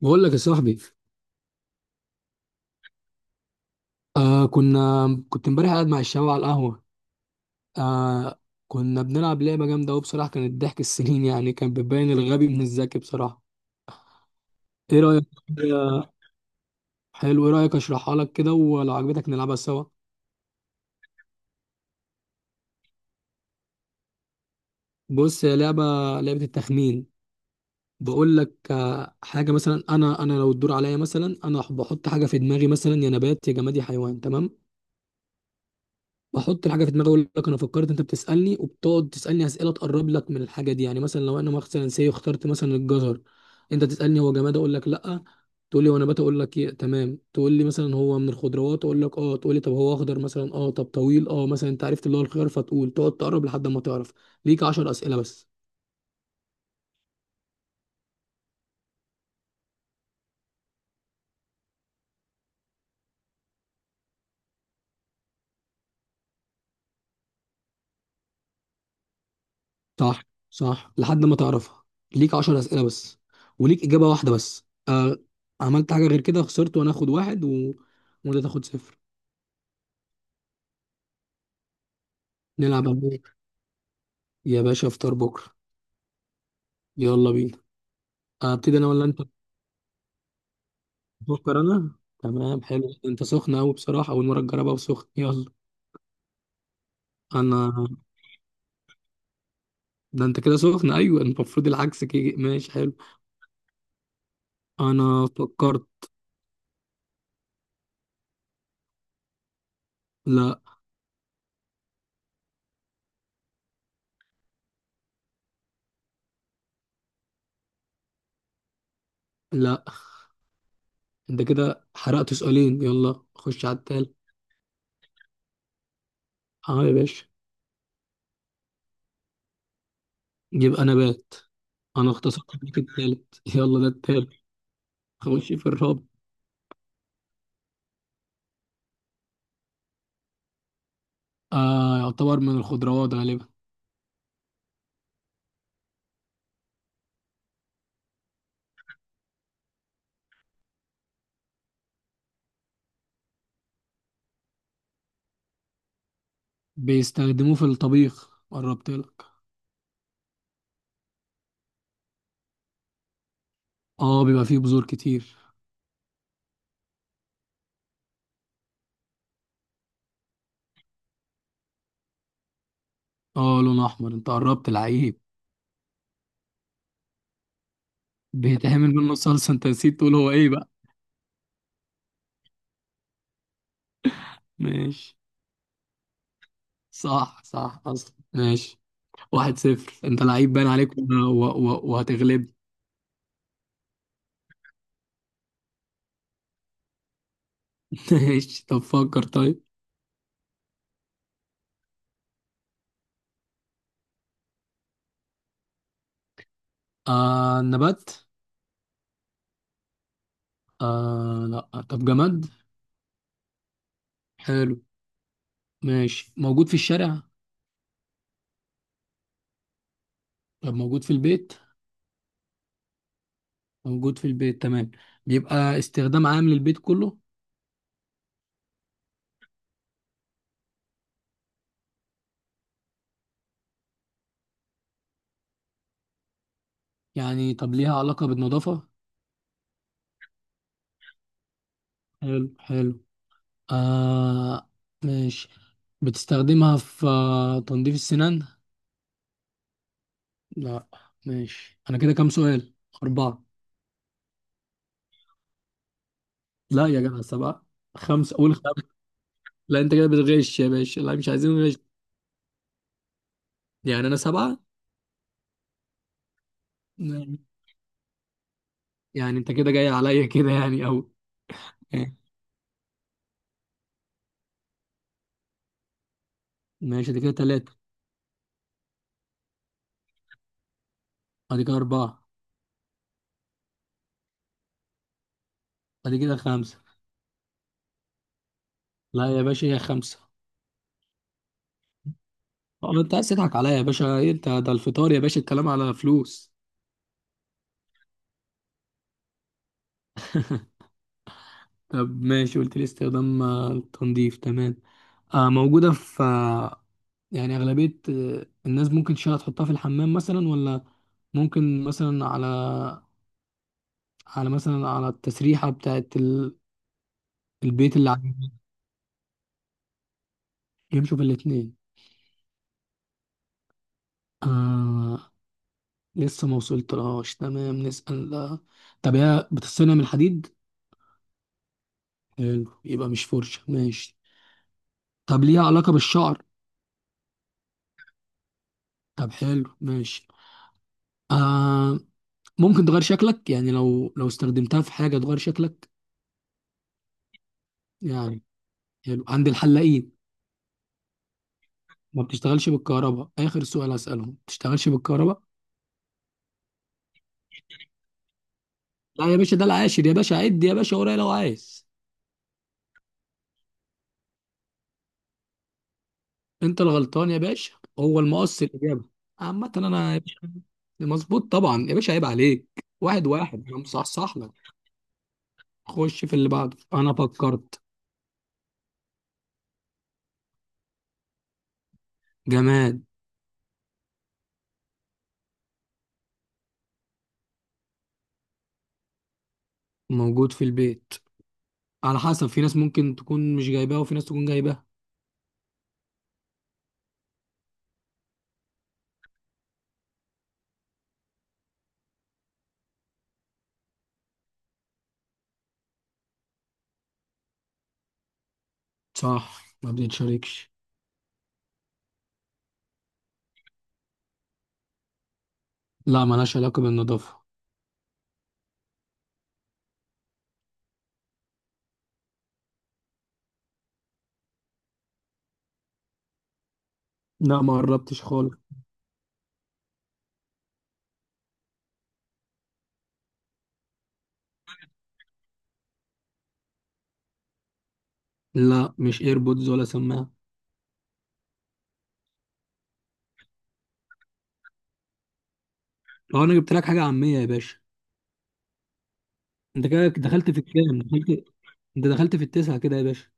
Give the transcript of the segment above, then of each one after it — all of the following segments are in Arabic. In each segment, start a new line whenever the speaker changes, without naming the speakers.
بقول لك يا صاحبي. كنا كنت امبارح قاعد مع الشباب على القهوة. آه كنا بنلعب لعبة جامدة أوي بصراحة، كانت ضحك السنين. يعني كان بتبين الغبي من الذكي بصراحة. إيه رأيك؟ حلو، إيه رأيك أشرحها لك كده ولو عجبتك نلعبها سوا؟ بص، هي لعبة لعبة التخمين. بقول لك، حاجة مثلا أنا لو الدور عليا، مثلا أنا بحط حاجة في دماغي، مثلا يا نبات يا جماد يا حيوان، تمام؟ بحط الحاجه في دماغي، اقول لك انا فكرت، انت بتسالني وبتقعد تسالني اسئله تقرب لك من الحاجه دي. يعني مثلا لو انا مثلا اخترت مثلا الجزر، انت تسالني هو جماد؟ اقول لك لا. تقول لي هو نبات؟ اقول لك إيه؟ تمام. تقول لي مثلا هو من الخضروات؟ اقول لك اه. تقول لي طب هو اخضر مثلا؟ اه. طب طويل؟ اه. مثلا انت عرفت اللي هو الخيار، فتقول تقعد تقرب لحد ما تعرف. ليك 10 اسئله بس. صح، صح لحد ما تعرفها. ليك 10 اسئله بس وليك اجابه واحده بس. عملت حاجه غير كده خسرت، وانا اخد واحد وانت تاخد صفر. نلعب يا باشا افطار بكره. يلا بينا. ابتدي انا ولا انت؟ بفكر انا. تمام، حلو، انت سخن قوي بصراحه، اول مره تجربها وسخن، يلا. انا، ده انت كده سخن، ايوه المفروض العكس كده، ماشي حلو. انا فكرت. لا. لا انت كده حرقت سؤالين، يلا خش على التالت. اه يا باشا. يبقى نبات. انا اختصرت بيك التالت. يلا ده التالت، خش في الرابع. يعتبر من الخضروات غالبا. بيستخدموه في الطبيخ، قربت لك. اه بيبقى فيه بذور كتير. اه لون احمر، انت قربت العيب. بيتعمل منه صلصه، انت نسيت تقول هو ايه بقى. ماشي. صح، صح اصلا، ماشي. واحد صفر، انت لعيب باين عليك وهتغلب. ماشي طب فكر طيب. نبات؟ لا طب جماد. حلو. ماشي، موجود في الشارع؟ طب موجود في البيت؟ موجود في البيت تمام. بيبقى استخدام عام للبيت كله؟ يعني طب ليها علاقة بالنظافة؟ حلو حلو. آه. ماشي. بتستخدمها في تنظيف السنان؟ لا. ماشي، انا كده كام سؤال؟ اربعة. لا يا جدع سبعة، خمسة قول خمسة. لا انت كده بتغش يا باشا، لا مش عايزين غش. يعني انا سبعة. ماشي. يعني انت كده جاي عليا كده يعني. او ماشي، دي كده تلاتة، ادي كده اربعة، ادي كده خمسة. لا يا باشا هي خمسة. اه انت عايز تضحك عليا يا باشا، إيه انت ده الفطار يا باشا، الكلام على فلوس. طب ماشي، قلت لي استخدام التنظيف، تمام. آه موجودة في آه، يعني أغلبية الناس ممكن تشيلها تحطها في الحمام مثلا، ولا ممكن مثلا على التسريحة بتاعت البيت اللي عندنا. يمشوا في الاتنين. آه لسه ما وصلتلهاش، تمام نسأل آه، طب هي بتصنع من الحديد؟ حلو يبقى مش فرشة، ماشي. طب ليها علاقة بالشعر؟ طب حلو ماشي. آه ممكن تغير شكلك؟ يعني لو استخدمتها في حاجة تغير شكلك يعني. حلو، عند الحلاقين. ما بتشتغلش بالكهرباء؟ آخر سؤال هسألهم، ما بتشتغلش بالكهرباء. لا يا باشا ده العاشر يا باشا، عد يا باشا ورايا لو عايز. انت الغلطان يا باشا. هو المقص الإجابة. عامة انا يا باشا. مظبوط طبعا يا باشا، عيب عليك، واحد واحد، انا مصحصح لك. خش في اللي بعده، انا فكرت. جماد. موجود في البيت، على حسب، في ناس ممكن تكون مش جايباه وفي ناس تكون جايباه. صح ما بتتشاركش. لا ملهاش علاقة بالنظافة. لا ما قربتش خالص. لا مش ايربودز ولا سماعة. لو انا جبت لك حاجة عامية يا باشا. انت كده دخلت في الكام دخلت؟ انت دخلت في التسعة كده يا باشا.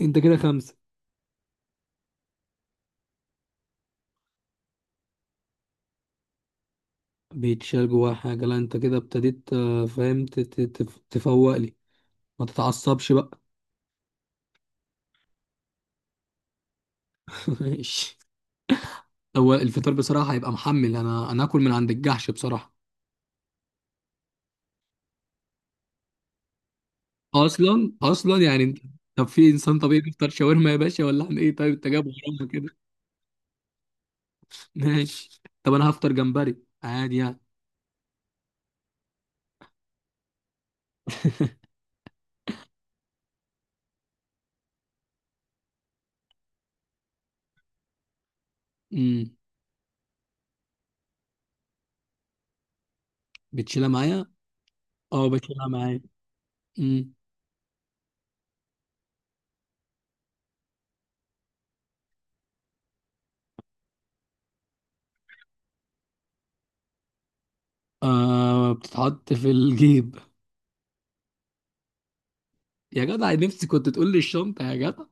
انت كده خمسة. بيتشال جواها حاجة. لا انت كده ابتديت فاهم تفوق لي. ما تتعصبش بقى. ماشي. هو الفطار بصراحة هيبقى محمل، انا اكل من عند الجحش بصراحة. اصلا يعني طب في انسان طبيعي بيفطر شاورما يا باشا؟ ولا احنا ايه طيب؟ انت جايب غرامة كده. ماشي طب انا هفطر جمبري، عادي يعني. امم. بتشيلها معايا. اه بشيلها معايا. امم. آه بتتحط في الجيب. يا جدع نفسي كنت تقول لي الشنطه يا جدع.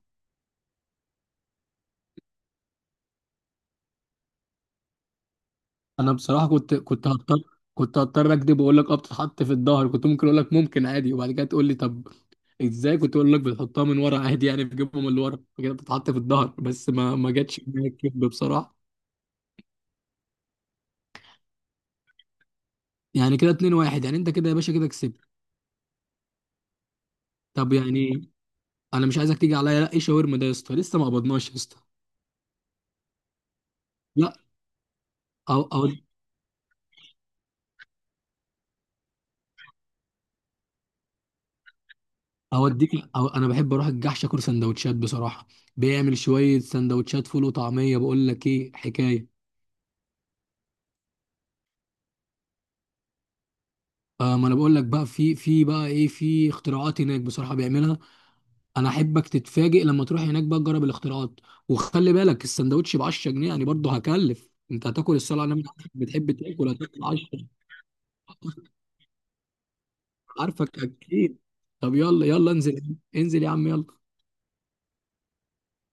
انا بصراحه كنت هضطر، كنت هضطر اكذب واقول لك اه بتتحط في الظهر، كنت ممكن اقول لك ممكن عادي، وبعد كده تقول لي طب ازاي، كنت اقول لك بتحطها من ورا عادي يعني بتجيبها من اللي ورا كده بتتحط في الظهر، بس ما جاتش معايا الكذب بصراحه. يعني كده 2 1، يعني انت كده يا باشا كده كسبت. طب يعني انا مش عايزك تيجي عليا، لا ايه شاورما ده يا اسطى، لسه ما قبضناش يا اسطى. لا. أو أو اوديك، أو انا بحب اروح الجحش اكل سندوتشات بصراحه، بيعمل شويه سندوتشات فول وطعميه، بقول لك ايه حكايه. ما انا بقول لك بقى، في في بقى ايه، في اختراعات هناك بصراحه بيعملها. انا احبك تتفاجئ لما تروح هناك بقى تجرب الاختراعات. وخلي بالك السندوتش ب 10 جنيه، يعني برضه هكلف، انت هتاكل الصلاه على النبي عارفك بتحب تاكل، هتاكل 10. عارفك اكيد. طب يلا يلا انزل انزل يا عم، يلا.